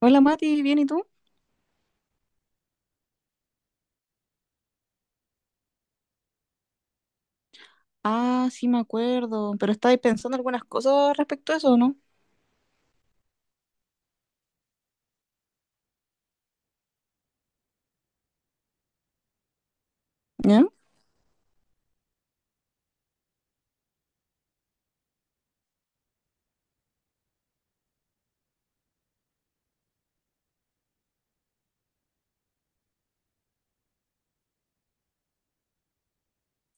Hola Mati, ¿bien y tú? Ah, sí me acuerdo, pero estabais pensando algunas cosas respecto a eso, ¿no? ¿Ya?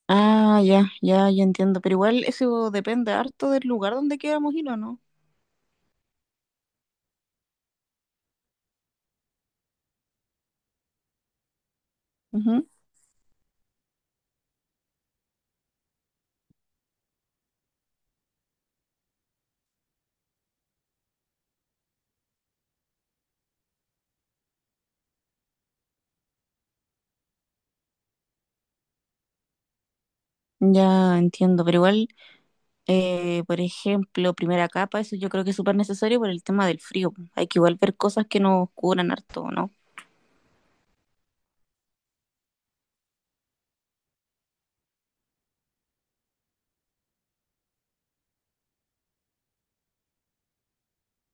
Ah, ya, ya, ya entiendo, pero igual eso depende harto del lugar donde queramos ir o no. Ujú. Ya entiendo, pero igual, por ejemplo, primera capa, eso yo creo que es súper necesario por el tema del frío. Hay que igual ver cosas que nos cubran harto, ¿no?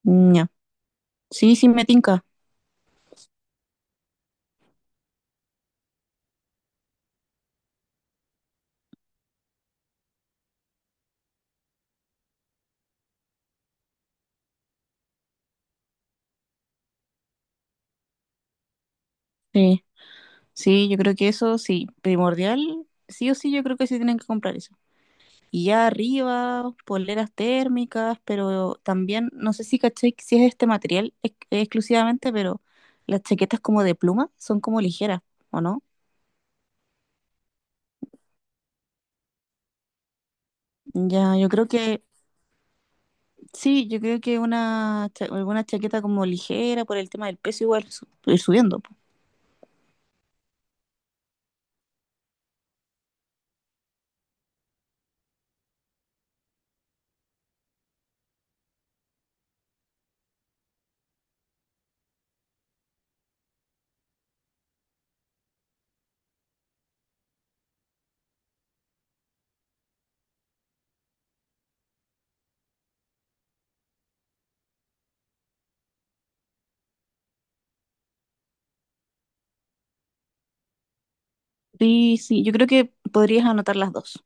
Mm. Ya. Sí, sí, me tinca. Sí, sí, yo creo que eso sí, primordial, sí o sí, yo creo que sí tienen que comprar eso. Y ya arriba, poleras térmicas, pero también, no sé si caché si es este material exclusivamente, pero las chaquetas como de pluma son como ligeras, ¿o no? Ya, yo creo que, sí, yo creo que una, alguna chaqueta como ligera por el tema del peso igual ir subiendo, po. Sí, sí, yo creo que podrías anotar las dos.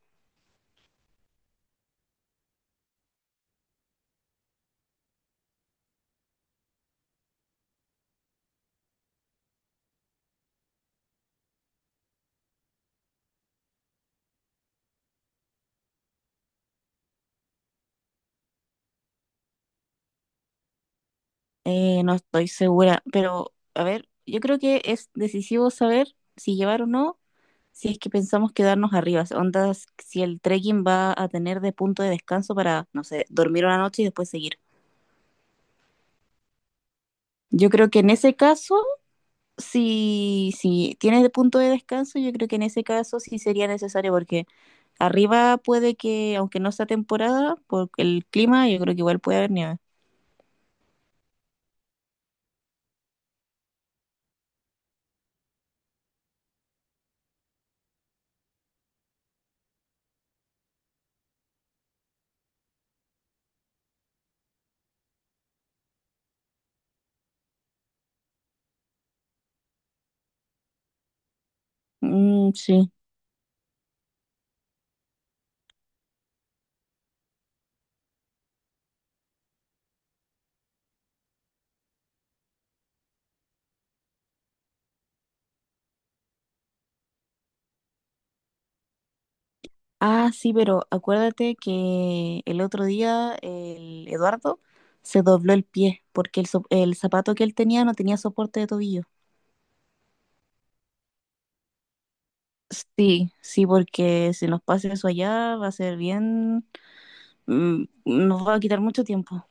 No estoy segura, pero a ver, yo creo que es decisivo saber si llevar o no, si es que pensamos quedarnos arriba, ondas, si el trekking va a tener de punto de descanso para, no sé, dormir una noche y después seguir. Yo creo que en ese caso, si, si tienes de punto de descanso, yo creo que en ese caso sí sería necesario, porque arriba puede que, aunque no sea temporada, por el clima, yo creo que igual puede haber nieve. Mm, sí. Ah, sí, pero acuérdate que el otro día el Eduardo se dobló el pie porque el, el zapato que él tenía no tenía soporte de tobillo. Sí, sí, porque si nos pasa eso allá va a ser bien, nos va a quitar mucho tiempo.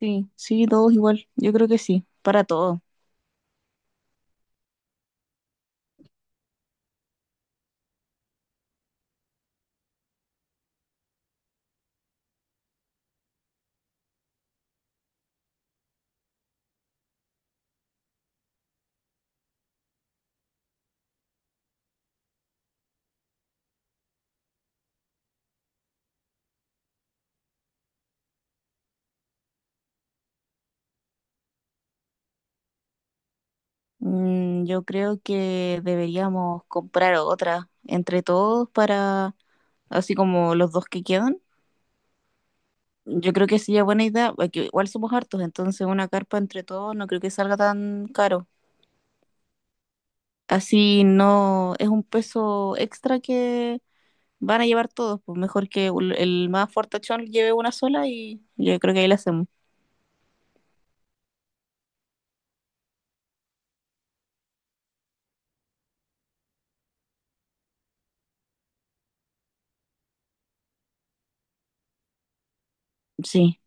Sí, sí, todos igual, yo creo que sí, para todos. Mm, yo creo que deberíamos comprar otra entre todos, para, así como los dos que quedan. Yo creo que sería buena idea, porque igual somos hartos, entonces una carpa entre todos no creo que salga tan caro. Así no es un peso extra que van a llevar todos, pues mejor que el más fortachón lleve una sola y yo creo que ahí la hacemos. Sí.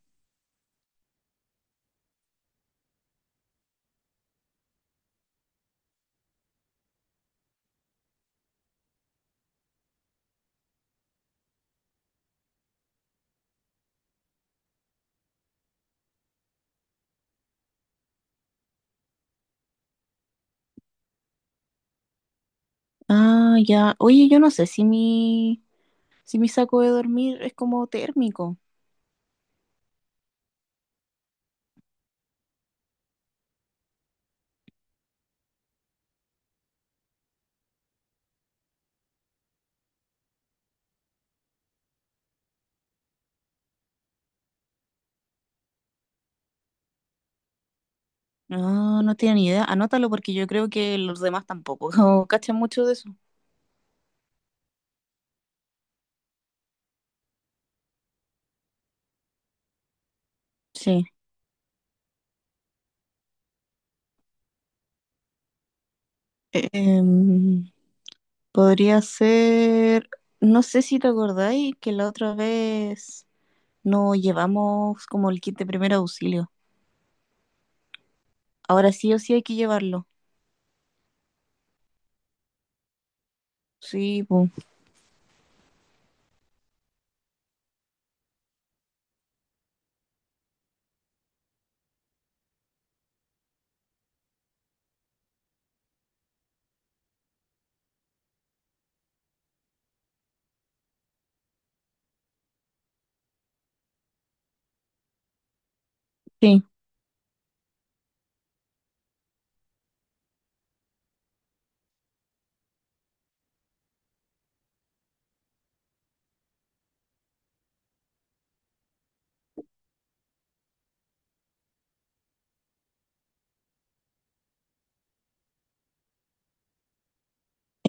Ah, ya. Oye, yo no sé si mi, si mi saco de dormir es como térmico. No, no tiene ni idea. Anótalo, porque yo creo que los demás tampoco no cachan mucho de eso. Sí. Em, Podría ser, no sé si te acordáis que la otra vez no llevamos como el kit de primer auxilio. Ahora sí o sí hay que llevarlo. Sí, pues. Sí.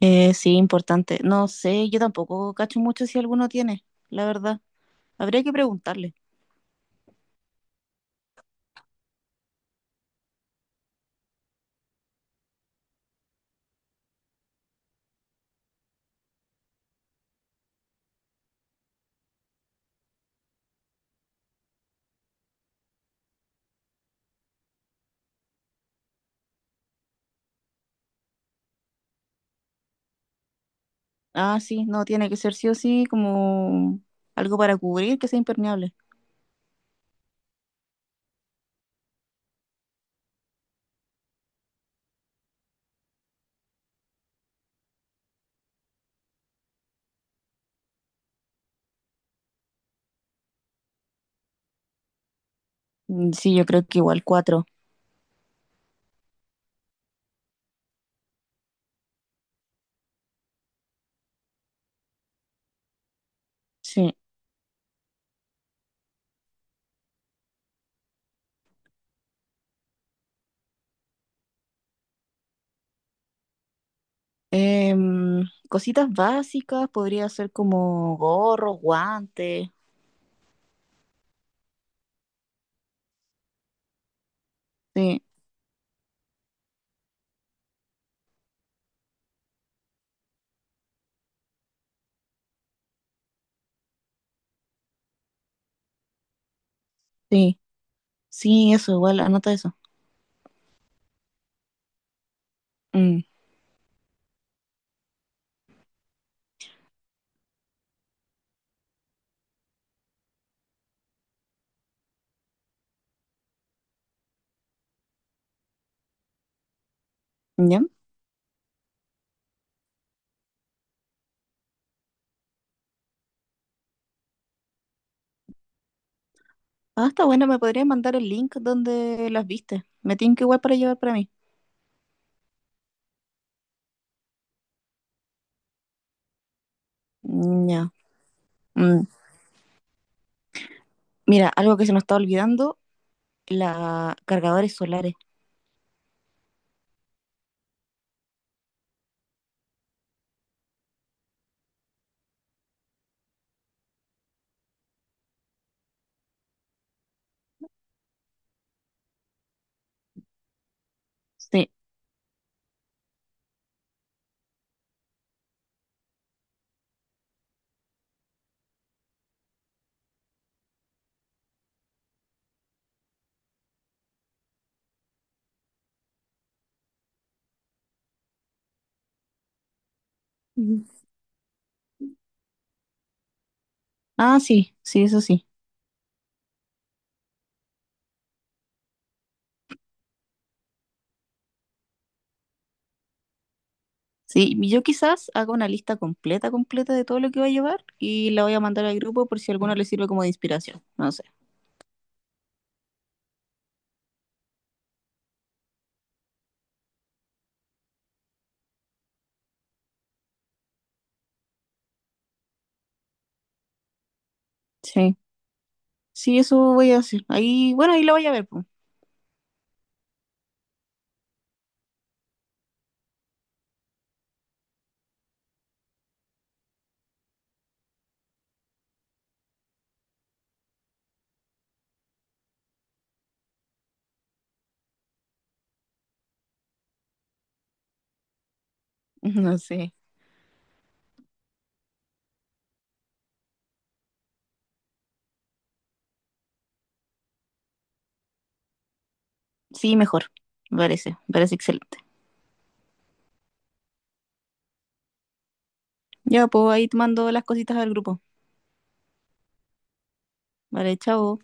Sí, importante. No sé, yo tampoco cacho mucho si alguno tiene, la verdad. Habría que preguntarle. Ah, sí, no, tiene que ser sí o sí como algo para cubrir que sea impermeable. Mm. Sí, yo creo que igual cuatro. Sí. Em, Cositas básicas, podría ser como gorros, guantes. Sí, sí, sí, eso, igual, anota eso. Mm. ¿Ya? Ah, está bueno, me podrías mandar el link donde las viste. Me tienen que igual para llevar para mí. Mm. Ya. Mm, mira, algo que se nos está olvidando, la cargadores solares. Sí. Ujú. Ah, sí, sí, eso sí. Sí, y yo quizás haga una lista completa, completa de todo lo que va a llevar y la voy a mandar al grupo por si a alguno le sirve como de inspiración. No sé. Sí. Sí, eso voy a hacer. Ahí, bueno, ahí la voy a ver, pues. No sé. Sí, mejor. Me parece excelente. Ya, pues ahí te mando las cositas al grupo. Vale, chao.